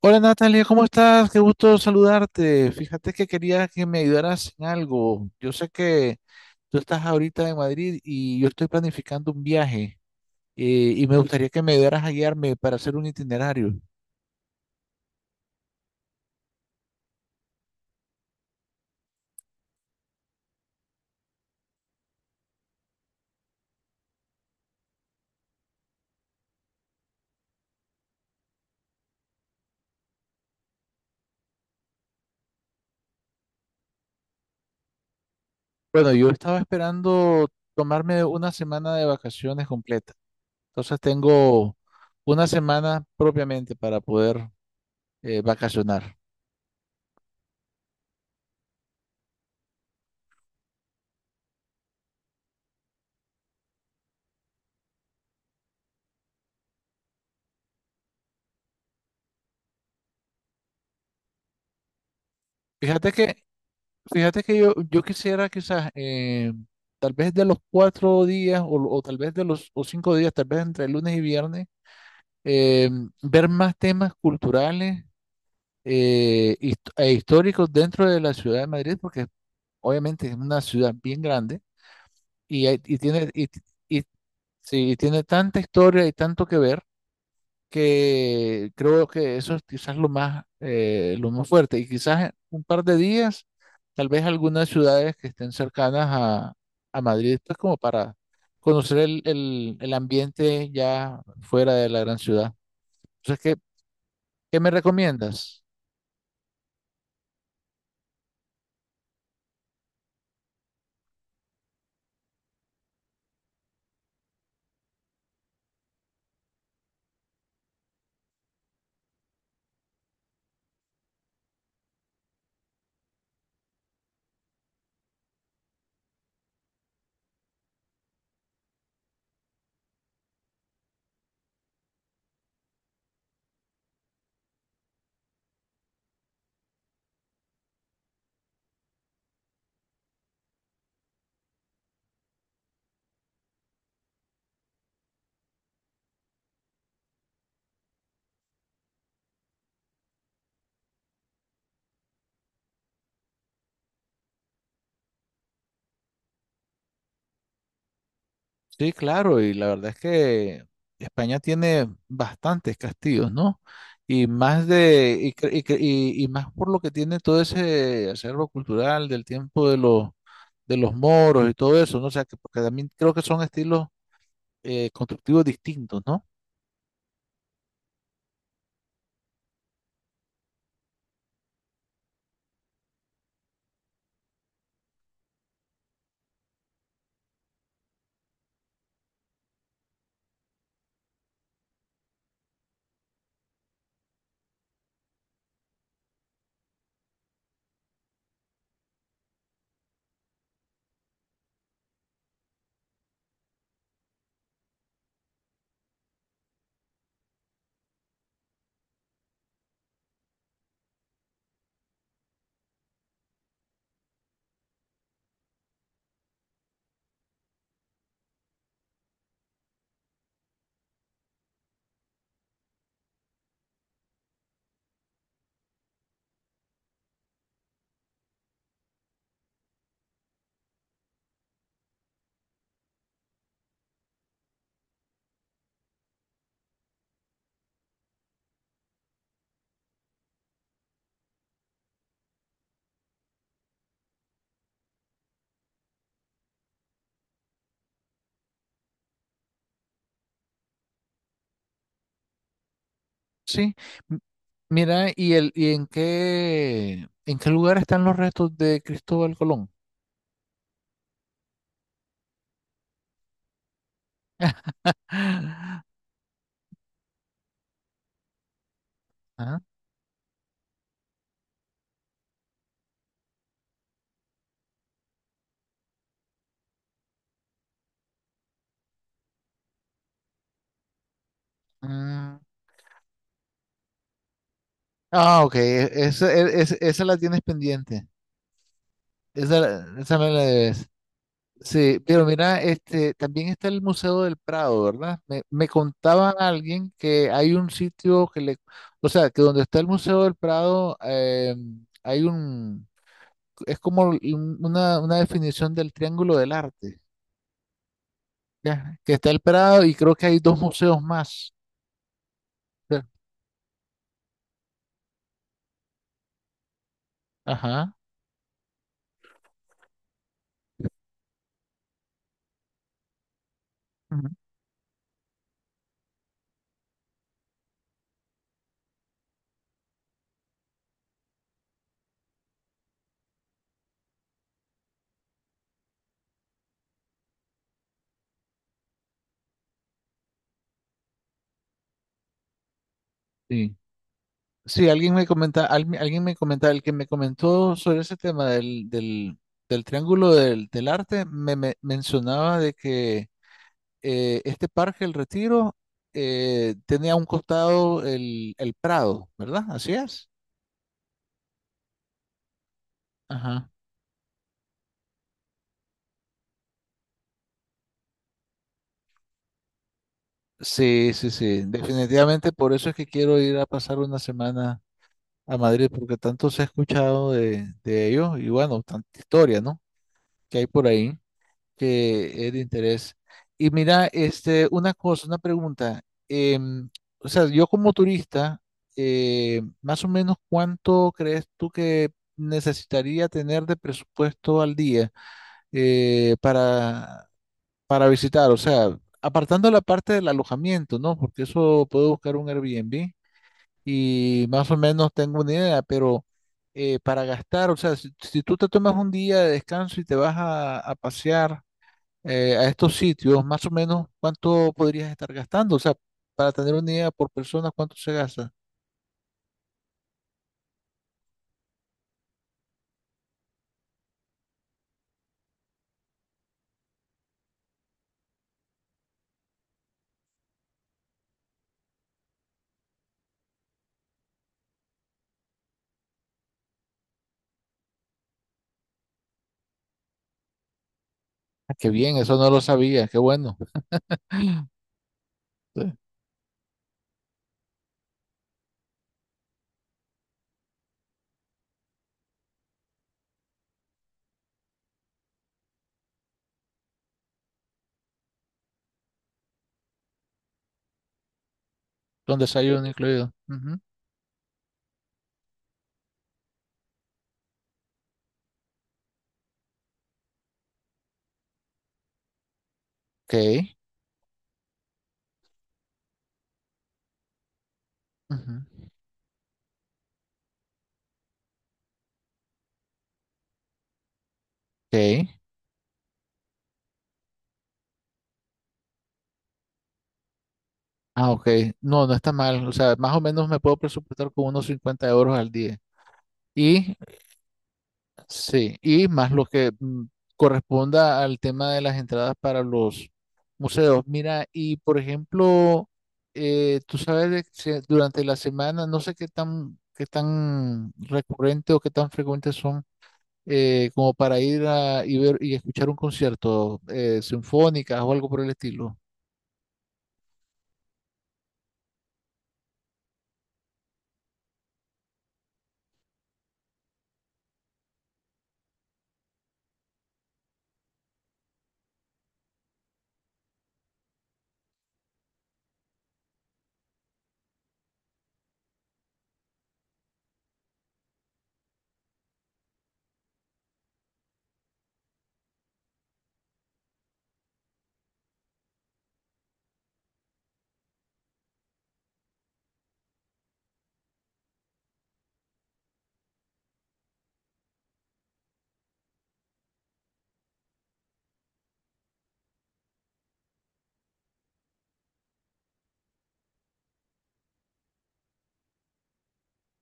Hola, Natalia, ¿cómo estás? Qué gusto saludarte. Fíjate que quería que me ayudaras en algo. Yo sé que tú estás ahorita en Madrid y yo estoy planificando un viaje, y me gustaría que me ayudaras a guiarme para hacer un itinerario. Bueno, yo estaba esperando tomarme una semana de vacaciones completa. Entonces tengo una semana propiamente para poder vacacionar. Fíjate que Fíjate que yo quisiera quizás, tal vez de los 4 días o tal vez de los o 5 días, tal vez entre lunes y viernes, eh, ver más temas culturales, e históricos dentro de la ciudad de Madrid, porque obviamente es una ciudad bien grande y, hay- y tiene, y, y- sí, y tiene tanta historia y tanto que ver que creo que eso es quizás lo más fuerte. Y quizás en un par de días, tal vez algunas ciudades que estén cercanas a Madrid, pues como para conocer el ambiente ya fuera de la gran ciudad. Entonces, ¿qué me recomiendas? Sí, claro, y la verdad es que España tiene bastantes castillos, ¿no? Y más de, y, cre- y cre- y más por lo que tiene todo ese acervo cultural del tiempo de los moros y todo eso, ¿no? O sea, que, porque también creo que son estilos constructivos distintos, ¿no? Sí. M- Mira, ¿y el, y en qué lugar están los restos de Cristóbal Colón? Ah, mm. Ah, ok, e, esa, esa esa la tienes pendiente. Esa me la debes. Sí, pero mira, este, también está el Museo del Prado, ¿verdad? Me contaba alguien que hay un sitio que le, o sea, que donde está el Museo del Prado, hay un, es como una definición del Triángulo del Arte, ¿ya? Que está el Prado y creo que hay dos museos más. ¿Ya? Ajá. Ujú. Sí. Sí, alguien me comenta, alguien me comenta, el que me comentó sobre ese tema del, del, del triángulo del, del arte, me, mencionaba de que este parque, el Retiro, tenía a un costado el Prado, ¿verdad? Así es. Ajá. Sí, sí, sí, definitivamente por eso es que quiero ir a pasar una semana a Madrid, porque tanto se ha escuchado de ello y bueno, tanta historia, ¿no? Que hay por ahí, que es de interés. Y mira, este, una cosa, una pregunta. em, o sea, yo como turista, más o menos, ¿cuánto crees tú que necesitaría tener de presupuesto al día eh, para, para visitar? O sea, apartando la parte del alojamiento, ¿no? Porque eso puedo buscar un Airbnb y más o menos tengo una idea, pero para gastar, o sea, si, si tú te tomas un día de descanso y te vas a pasear, a estos sitios, más o menos, ¿cuánto podrías estar gastando? O sea, para tener una idea por persona, ¿cuánto se gasta? Ah, qué bien, eso no lo sabía, qué bueno. Sí. Con desayuno incluido. Ujú. Ok. Ujú. Ok. Ah, ok. No, no está mal. O sea, más o menos me puedo presupuestar con unos 50 euros al día. Y sí, y más lo que corresponda al tema de las entradas para los museos. Mira, y por ejemplo, tú sabes de que durante la semana, no sé qué tan recurrente o qué tan frecuentes son, como para ir a y ver y escuchar un concierto, sinfónicas o algo por el estilo.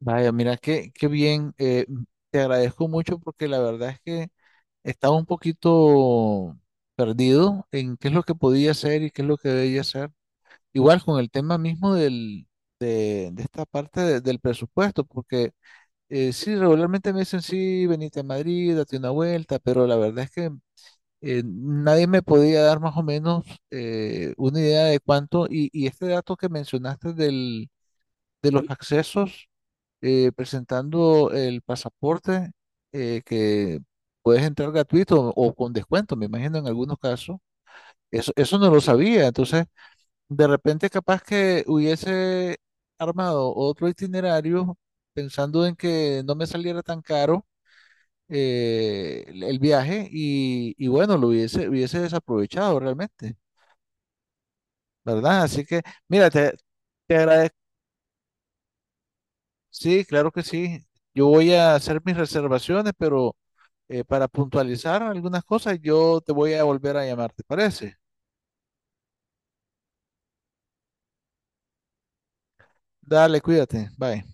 Vaya, mira, qué, qué bien. Te agradezco mucho porque la verdad es que estaba un poquito perdido en qué es lo que podía hacer y qué es lo que debía hacer. Igual con el tema mismo del, de esta parte del presupuesto, porque sí, regularmente me dicen, sí, venite a Madrid, date una vuelta, pero la verdad es que nadie me podía dar más o menos una idea de cuánto, y este dato que mencionaste del, de los accesos, presentando el pasaporte, que puedes entrar gratuito o con descuento, me imagino en algunos casos. Eso no lo sabía, entonces de repente capaz que hubiese armado otro itinerario pensando en que no me saliera tan caro, el viaje y bueno, lo hubiese, hubiese desaprovechado realmente, ¿verdad? Así que, mira, te agradezco. Sí, claro que sí. Yo voy a hacer mis reservaciones, pero... para puntualizar algunas cosas, yo te voy a volver a llamar, ¿te parece? Dale, cuídate, bye.